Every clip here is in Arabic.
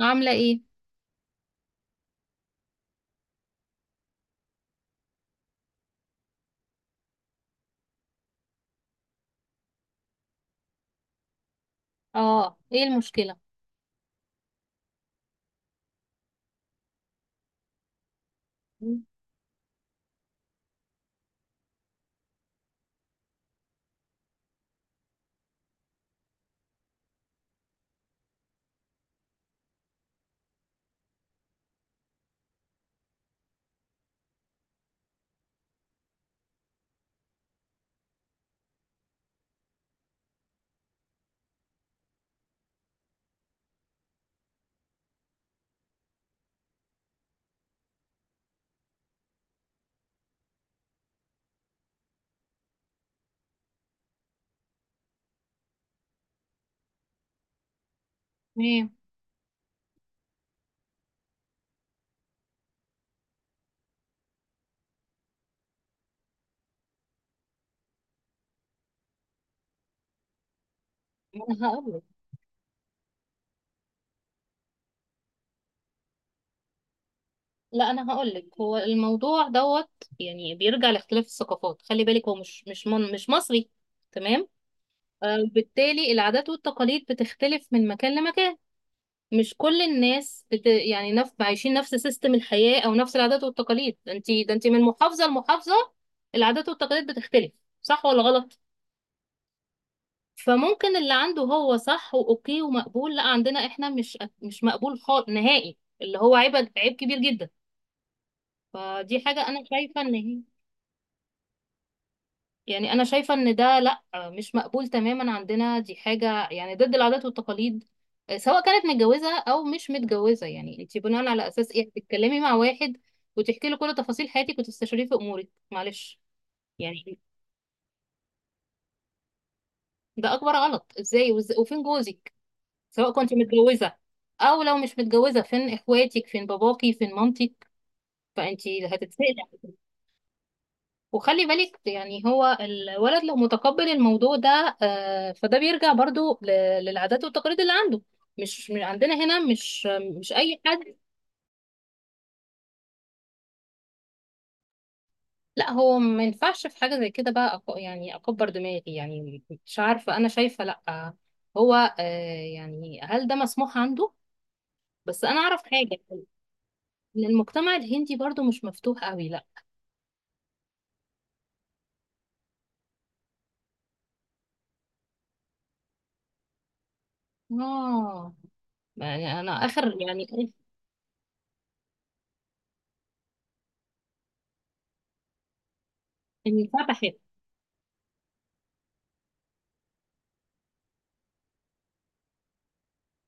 عاملة ايه؟ اه ايه المشكلة؟ مم. تمام. انا هقولك. لا انا هقولك، هو الموضوع دوت. يعني بيرجع لاختلاف الثقافات، خلي بالك هو مش مصري. تمام. بالتالي العادات والتقاليد بتختلف من مكان لمكان. مش كل الناس عايشين نفس سيستم الحياة او نفس العادات والتقاليد، ده انت من محافظة لمحافظة، العادات والتقاليد بتختلف، صح ولا غلط؟ فممكن اللي عنده هو صح واوكي ومقبول، لا عندنا احنا مش مقبول خالص نهائي، اللي هو عيب عيب كبير جدا. فدي حاجة انا شايفة ان هي. يعني انا شايفة ان ده لا، مش مقبول تماما عندنا، دي حاجة يعني ضد العادات والتقاليد، سواء كانت متجوزة او مش متجوزة. يعني انت بناء على اساس ايه بتتكلمي مع واحد وتحكي له كل تفاصيل حياتك وتستشيريه في امورك، معلش يعني. ده اكبر غلط، ازاي وفين جوزك سواء كنت متجوزة، أو لو مش متجوزة فين إخواتك، فين باباكي، فين مامتك؟ فأنت هتتسألي. وخلي بالك يعني هو الولد لو متقبل الموضوع ده فده بيرجع برضو للعادات والتقاليد اللي عنده، مش من عندنا هنا، مش أي حد. لا هو ما ينفعش في حاجة زي كده بقى، يعني أكبر دماغي، يعني مش عارفة، أنا شايفة لا. هو يعني هل ده مسموح عنده؟ بس أنا أعرف حاجة، إن المجتمع الهندي برضو مش مفتوح قوي لا. اه. يعني انا اخر يعني إيه؟ انفتحت.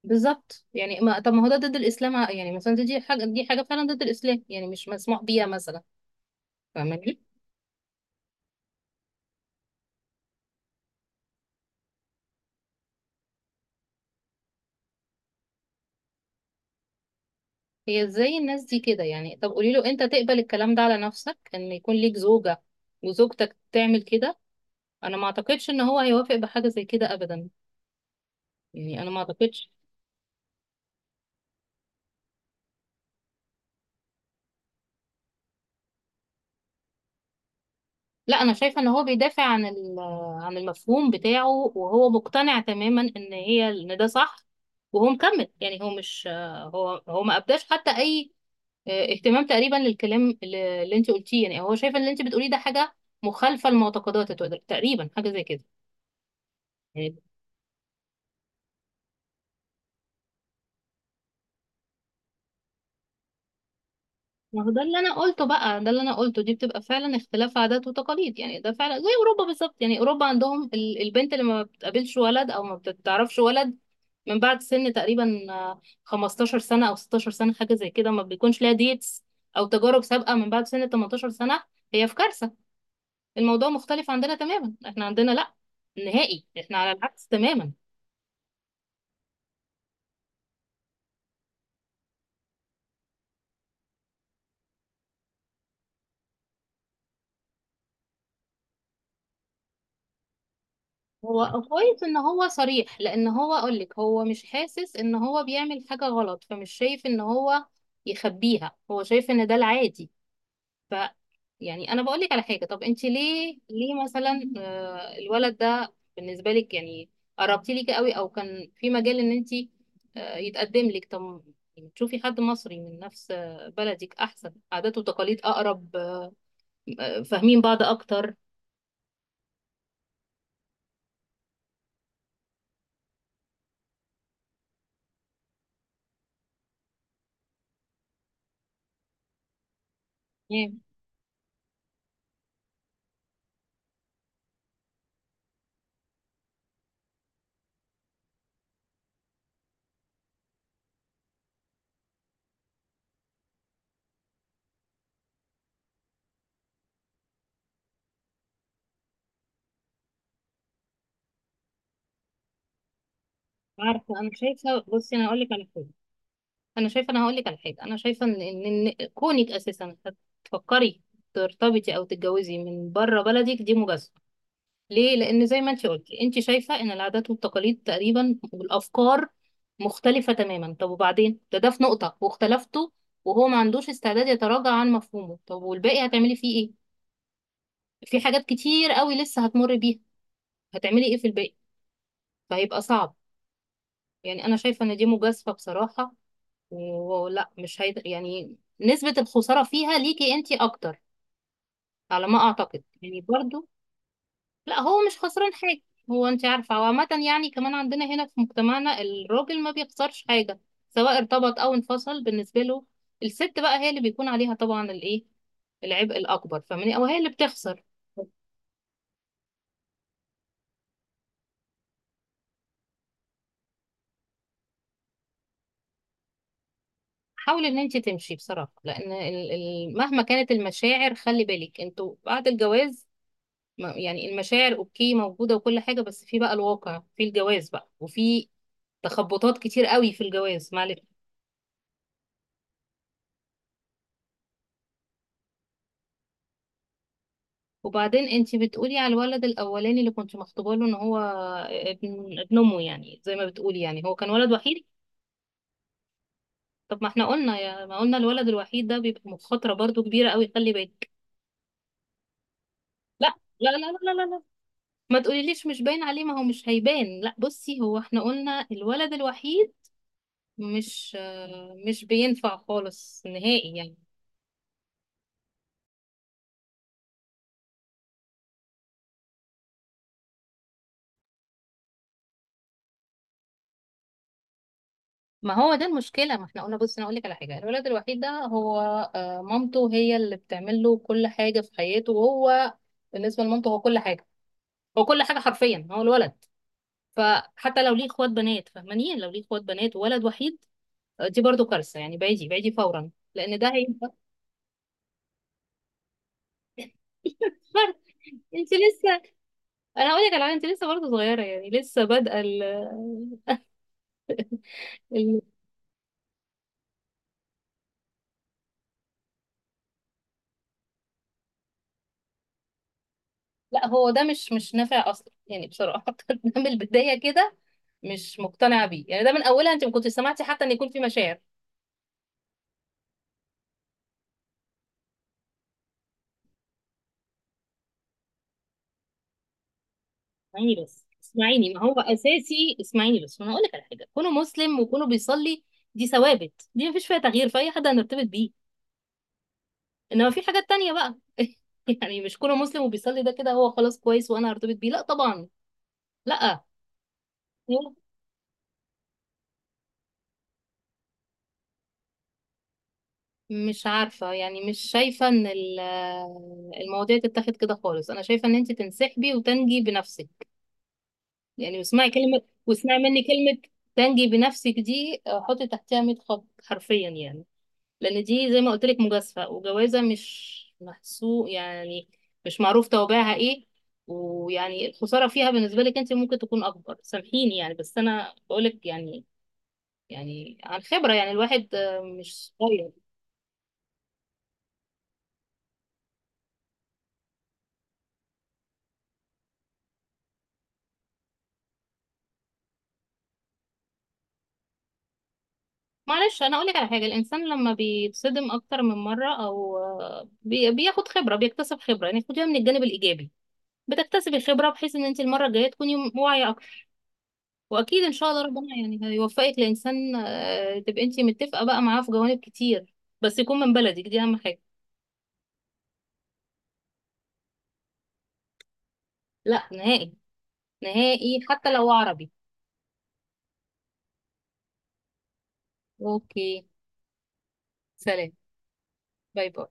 بالظبط. يعني ما طب ما هو ده ضد الاسلام، يعني مثلا دي حاجه فعلا ضد الاسلام، يعني مش مسموح بيها مثلا. فاهماني؟ هي ازاي الناس دي كده؟ يعني طب قولي له انت تقبل الكلام ده على نفسك ان يكون ليك زوجه وزوجتك تعمل كده؟ انا ما اعتقدش ان هو هيوافق بحاجه زي كده ابدا، يعني انا ما اعتقدش. لا انا شايفه ان هو بيدافع عن عن المفهوم بتاعه، وهو مقتنع تماما ان هي ان ده صح، وهو مكمل. يعني هو مش، هو ما ابداش حتى اي اهتمام تقريبا للكلام اللي انت قلتيه. يعني هو شايف ان اللي انت بتقوليه ده حاجه مخالفه لمعتقداته تقريبا، حاجه زي كده يعني. ما هو ده اللي انا قلته بقى، ده اللي انا قلته دي بتبقى فعلا اختلاف عادات وتقاليد، يعني ده فعلا زي اوروبا بالظبط. يعني اوروبا عندهم البنت اللي ما بتقابلش ولد او ما بتعرفش ولد من بعد سن تقريبا 15 سنة او 16 سنة حاجة زي كده، ما بيكونش ليها ديتس او تجارب سابقة. من بعد سن 18 سنة هي في كارثة. الموضوع مختلف عندنا تماما، احنا عندنا لا نهائي، احنا على العكس تماما. هو كويس ان هو صريح، لان هو اقولك هو مش حاسس ان هو بيعمل حاجة غلط، فمش شايف ان هو يخبيها، هو شايف ان ده العادي. ف يعني انا بقولك على حاجة، طب انت ليه مثلا الولد ده بالنسبة لك يعني قربتي ليكي قوي او كان في مجال ان انت يتقدم لك؟ طب يعني تشوفي حد مصري من نفس بلدك، احسن، عادات وتقاليد اقرب، فاهمين بعض اكتر. تمام. عارفة، انا شايفة، بصي انا اقولك على حاجة، انا شايفه، انا هقول لك على حاجه، انا شايفه ان إن كونك اساسا تفكري ترتبطي او تتجوزي من بره بلدك دي مجازفه، ليه؟ لان زي ما انت قلتي انت شايفه ان العادات والتقاليد تقريبا والافكار مختلفه تماما، طب وبعدين ده في نقطه واختلفتوا وهو ما عندوش استعداد يتراجع عن مفهومه، طب والباقي هتعملي فيه ايه؟ في حاجات كتير قوي لسه هتمر بيها، هتعملي ايه في الباقي؟ فهيبقى صعب. يعني انا شايفه ان دي مجازفه بصراحه، ولا مش هيد... يعني نسبة الخسارة فيها ليكي انتي اكتر على ما اعتقد يعني برضو. لا هو مش خسران حاجة. هو انتي عارفة، وعامة يعني كمان عندنا هنا في مجتمعنا الراجل ما بيخسرش حاجة سواء ارتبط او انفصل، بالنسبة له. الست بقى هي اللي بيكون عليها طبعا الايه، العبء الاكبر، فاهماني؟ او هي اللي بتخسر. حاولي ان انتي تمشي بصراحة، لان مهما كانت المشاعر، خلي بالك انتوا بعد الجواز يعني المشاعر اوكي موجودة وكل حاجة، بس في بقى الواقع في الجواز بقى، وفي تخبطات كتير قوي في الجواز، معلش. وبعدين انتي بتقولي على الولد الاولاني اللي كنت مخطوبه له ان هو ابن امه يعني زي ما بتقولي، يعني هو كان ولد وحيد. طب ما احنا قلنا يا ما قلنا الولد الوحيد ده بيبقى مخاطرة برضو كبيرة قوي، خلي بالك. لا، لا، لا، لا، لا، لا، ما تقوليليش مش باين عليه، ما هو مش هيبان. لا بصي هو احنا قلنا الولد الوحيد مش مش بينفع خالص نهائي يعني. ما هو ده المشكله، ما احنا قلنا بص، انا اقول لك على حاجه، الولد الوحيد ده هو مامته هي اللي بتعمل له كل حاجه في حياته، وهو بالنسبه لمامته هو كل حاجه، هو كل حاجه حرفيا، هو الولد. فحتى لو ليه اخوات بنات، فاهماني؟ لو ليه اخوات بنات وولد وحيد دي برضو كارثه يعني. بعيدي بعيدي فورا، لان ده هيبقى. انت لسه، انا هقول لك على حاجة، انت لسه برضه صغيره، يعني لسه بادئه. ال- لا هو ده مش نافع اصلا يعني بصراحه. ده من البدايه كده مش مقتنعه بيه، يعني ده من اولها انت ما كنتش سمعتي حتى ان يكون في مشاعر. اسمعيني بس، اسمعيني ما هو اساسي، اسمعيني بس وانا هقول لك على حاجه. كونه مسلم وكونه بيصلي، دي ثوابت، دي ما فيش فيها تغيير فاي حد هنرتبط بيه. انما في حاجات تانية بقى. يعني مش كونه مسلم وبيصلي ده كده هو خلاص كويس وانا هرتبط بيه، لا طبعا، لا. مش عارفة، يعني مش شايفة ان المواضيع تتاخد كده خالص، انا شايفة ان انت تنسحبي وتنجي بنفسك. يعني اسمعي كلمة واسمعي مني كلمة، تنجي بنفسك دي حطي تحتها 100 خط حرفيا يعني. لأن دي زي ما قلت لك مجازفة وجوازة مش محسوب يعني، مش معروف توابعها ايه، ويعني الخسارة فيها بالنسبة لك انت ممكن تكون أكبر، سامحيني يعني بس أنا بقولك، يعني يعني عن خبرة، يعني الواحد مش صغير. معلش أنا أقولك على حاجة، الإنسان لما بيتصدم أكتر من مرة أو بياخد خبرة، بيكتسب خبرة يعني، خديها من الجانب الإيجابي، بتكتسبي خبرة بحيث ان انت المرة الجاية تكوني واعية اكتر، واكيد ان شاء الله ربنا يعني هيوفقك لانسان تبقي انت متفقة بقى معاه في جوانب كتير، بس يكون من بلدك، دي اهم حاجة. لا نهائي، نهائي حتى لو عربي. اوكي، سلام، باي باي.